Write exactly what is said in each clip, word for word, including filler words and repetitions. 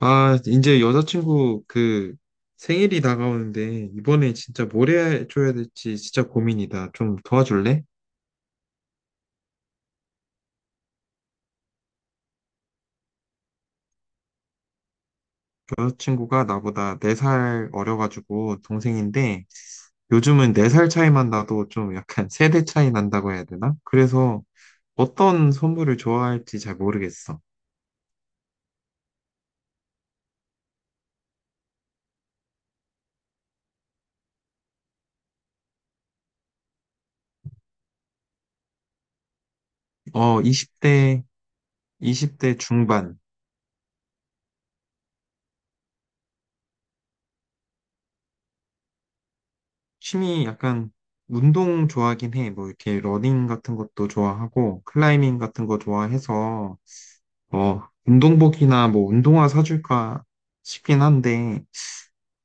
아, 이제 여자친구 그 생일이 다가오는데 이번에 진짜 뭘 해줘야 될지 진짜 고민이다. 좀 도와줄래? 여자친구가 나보다 네 살 어려가지고 동생인데, 요즘은 네 살 차이만 나도 좀 약간 세대 차이 난다고 해야 되나? 그래서 어떤 선물을 좋아할지 잘 모르겠어. 어, 이십 대, 이십 대 중반. 취미 약간 운동 좋아하긴 해. 뭐 이렇게 러닝 같은 것도 좋아하고 클라이밍 같은 거 좋아해서 어, 운동복이나 뭐 운동화 사줄까 싶긴 한데,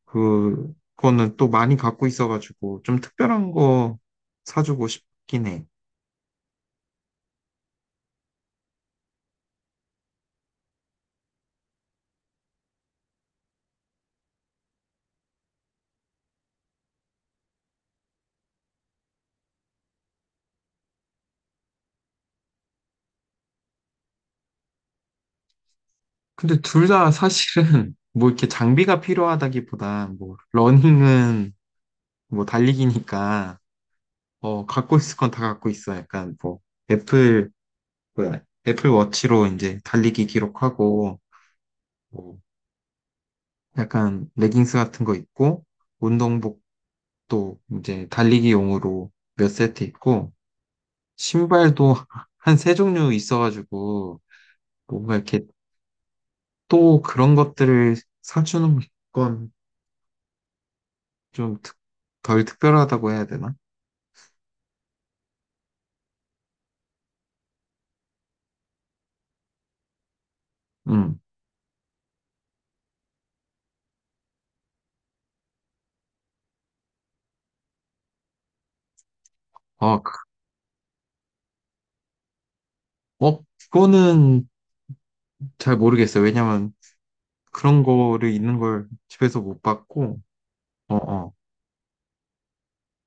그, 그거는 또 많이 갖고 있어가지고 좀 특별한 거 사주고 싶긴 해. 근데 둘 다 사실은 뭐 이렇게 장비가 필요하다기보다 뭐 러닝은 뭐 달리기니까 어, 갖고 있을 건 다 갖고 있어. 약간 뭐 애플, 뭐야, 애플 워치로 이제 달리기 기록하고 뭐 약간 레깅스 같은 거 입고 운동복도 이제 달리기용으로 몇 세트 입고 신발도 한 세 종류 있어가지고 뭔가 이렇게 또 그런 것들을 사주는 건 좀 덜 특별하다고 해야 되나? 음. 아, 그- 어, 그거는 잘 모르겠어요. 왜냐면 그런 거를 있는 걸 집에서 못 봤고, 어, 어,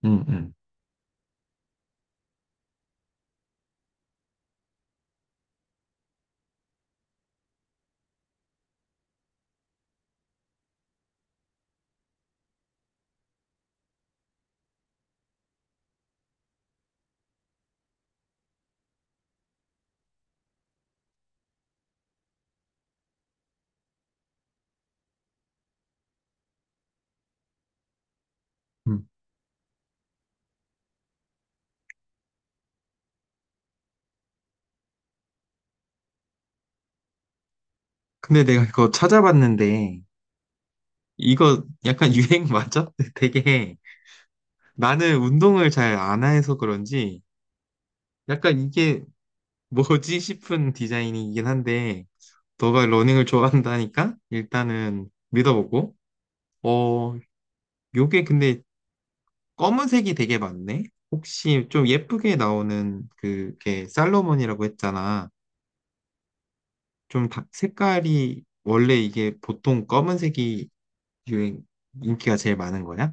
음, 음, 음. 근데 내가 이거 찾아봤는데 이거 약간 유행 맞아? 되게 나는 운동을 잘 안 해서 그런지 약간 이게 뭐지 싶은 디자인이긴 한데, 너가 러닝을 좋아한다니까 일단은 믿어보고. 어 요게 근데 검은색이 되게 많네. 혹시 좀 예쁘게 나오는, 그게 살로몬이라고 했잖아, 좀 다- 색깔이 원래 이게 보통 검은색이 유행 인기가 제일 많은 거야?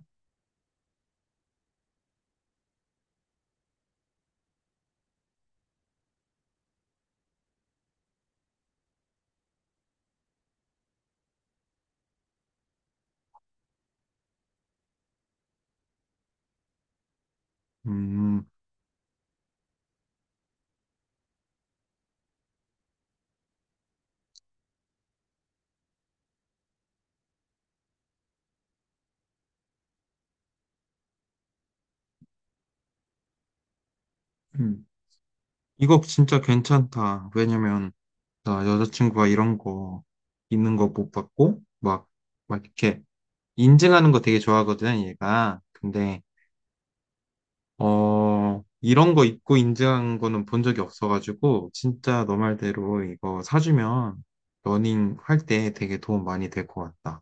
음, 음. 이거 진짜 괜찮다. 왜냐면 나 여자친구가 이런 거 있는 거 못 봤고, 막 막 이렇게 인증하는 거 되게 좋아하거든 얘가. 근데 어 이런 거 입고 인증한 거는 본 적이 없어가지고, 진짜 너 말대로 이거 사주면 러닝 할 때 되게 도움 많이 될 것 같다.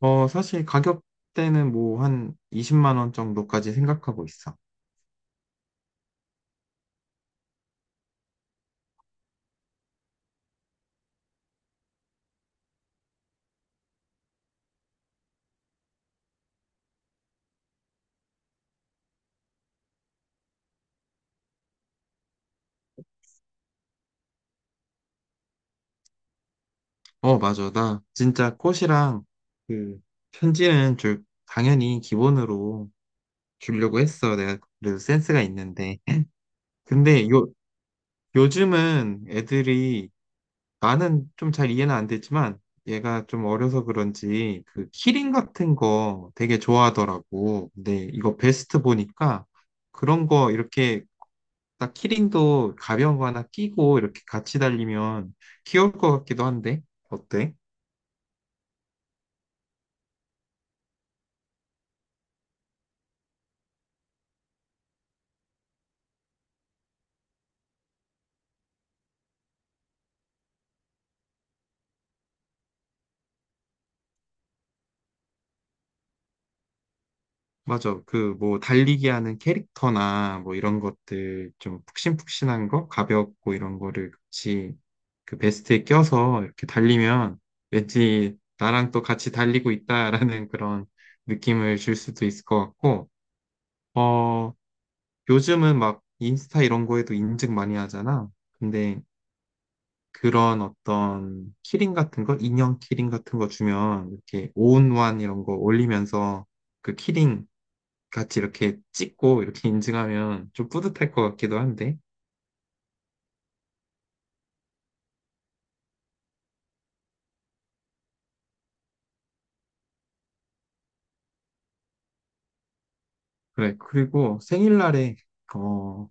어 사실 가격대는 뭐 한 이십만 원 정도까지 생각하고 있어. 어 맞아, 나 진짜 꽃이랑 그 편지는 줄 당연히 기본으로 주려고 했어. 내가 그래도 센스가 있는데. 근데 요, 요즘은 애들이, 나는 좀 잘 이해는 안 되지만, 얘가 좀 어려서 그런지 그 키링 같은 거 되게 좋아하더라고. 근데 이거 베스트 보니까 그런 거 이렇게 딱 키링도 가벼운 거 하나 끼고 이렇게 같이 달리면 귀여울 것 같기도 한데, 어때? 맞아. 그 뭐 달리기 하는 캐릭터나 뭐 이런 것들, 좀 푹신푹신한 거, 가볍고 이런 거를 같이 그 베스트에 껴서 이렇게 달리면 왠지 나랑 또 같이 달리고 있다라는 그런 느낌을 줄 수도 있을 것 같고, 어, 요즘은 막 인스타 이런 거에도 인증 많이 하잖아. 근데 그런 어떤 키링 같은 거, 인형 키링 같은 거 주면, 이렇게 온원 이런 거 올리면서 그 키링 같이 이렇게 찍고 이렇게 인증하면 좀 뿌듯할 것 같기도 한데. 그래. 그리고 생일날에, 어,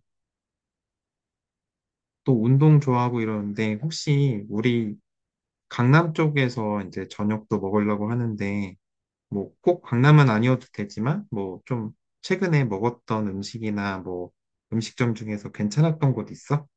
또 운동 좋아하고 이러는데, 혹시 우리 강남 쪽에서 이제 저녁도 먹으려고 하는데, 뭐 꼭 강남은 아니어도 되지만, 뭐 좀 최근에 먹었던 음식이나 뭐 음식점 중에서 괜찮았던 곳 있어?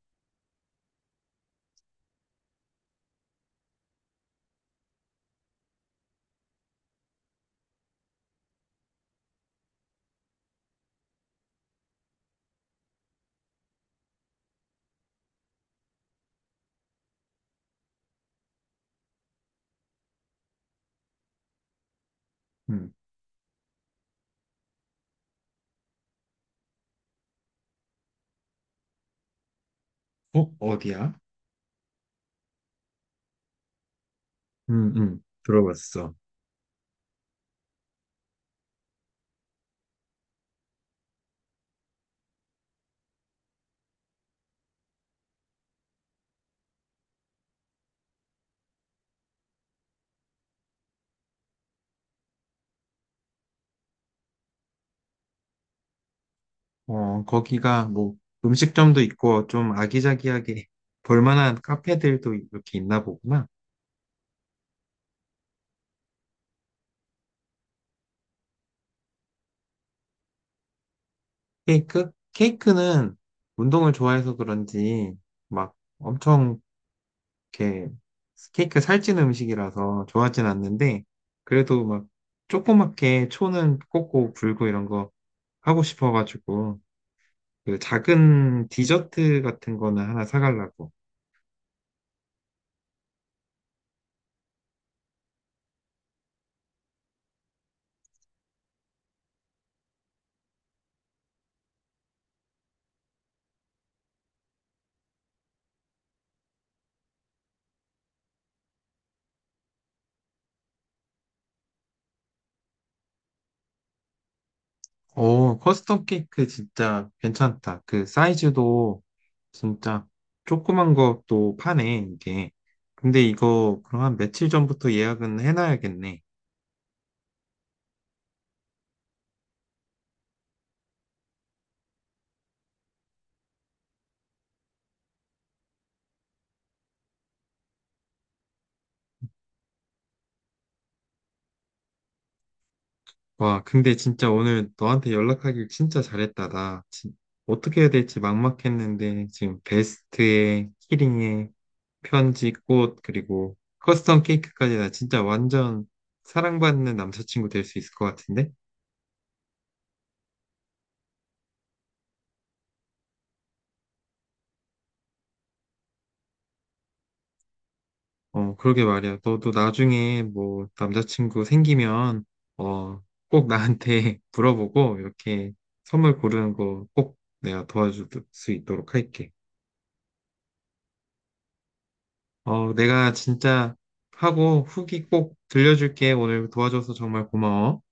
음. 어, 어디야? 응응, 들어봤어. 어, 거기가 뭐 음식점도 있고 좀 아기자기하게 볼만한 카페들도 이렇게 있나 보구나. 케이크? 케이크는 운동을 좋아해서 그런지 막 엄청 이렇게, 케이크 살찐 음식이라서 좋아하진 않는데, 그래도 막 조그맣게 초는 꽂고 불고 이런 거 하고 싶어가지고 그 작은 디저트 같은 거는 하나 사가려고. 오, 커스텀 케이크 진짜 괜찮다. 그 사이즈도 진짜 조그만 것도 파네, 이게. 근데 이거 그럼 한 며칠 전부터 예약은 해놔야겠네. 와, 근데 진짜 오늘 너한테 연락하길 진짜 잘했다. 나 진- 어떻게 해야 될지 막막했는데, 지금 베스트에 키링에 편지, 꽃, 그리고 커스텀 케이크까지, 나 진짜 완전 사랑받는 남자친구 될 수 있을 것 같은데? 어, 그러게 말이야. 너도 나중에 뭐 남자친구 생기면 어, 꼭 나한테 물어보고 이렇게 선물 고르는 거 꼭 내가 도와줄 수 있도록 할게. 어, 내가 진짜 하고 후기 꼭 들려줄게. 오늘 도와줘서 정말 고마워.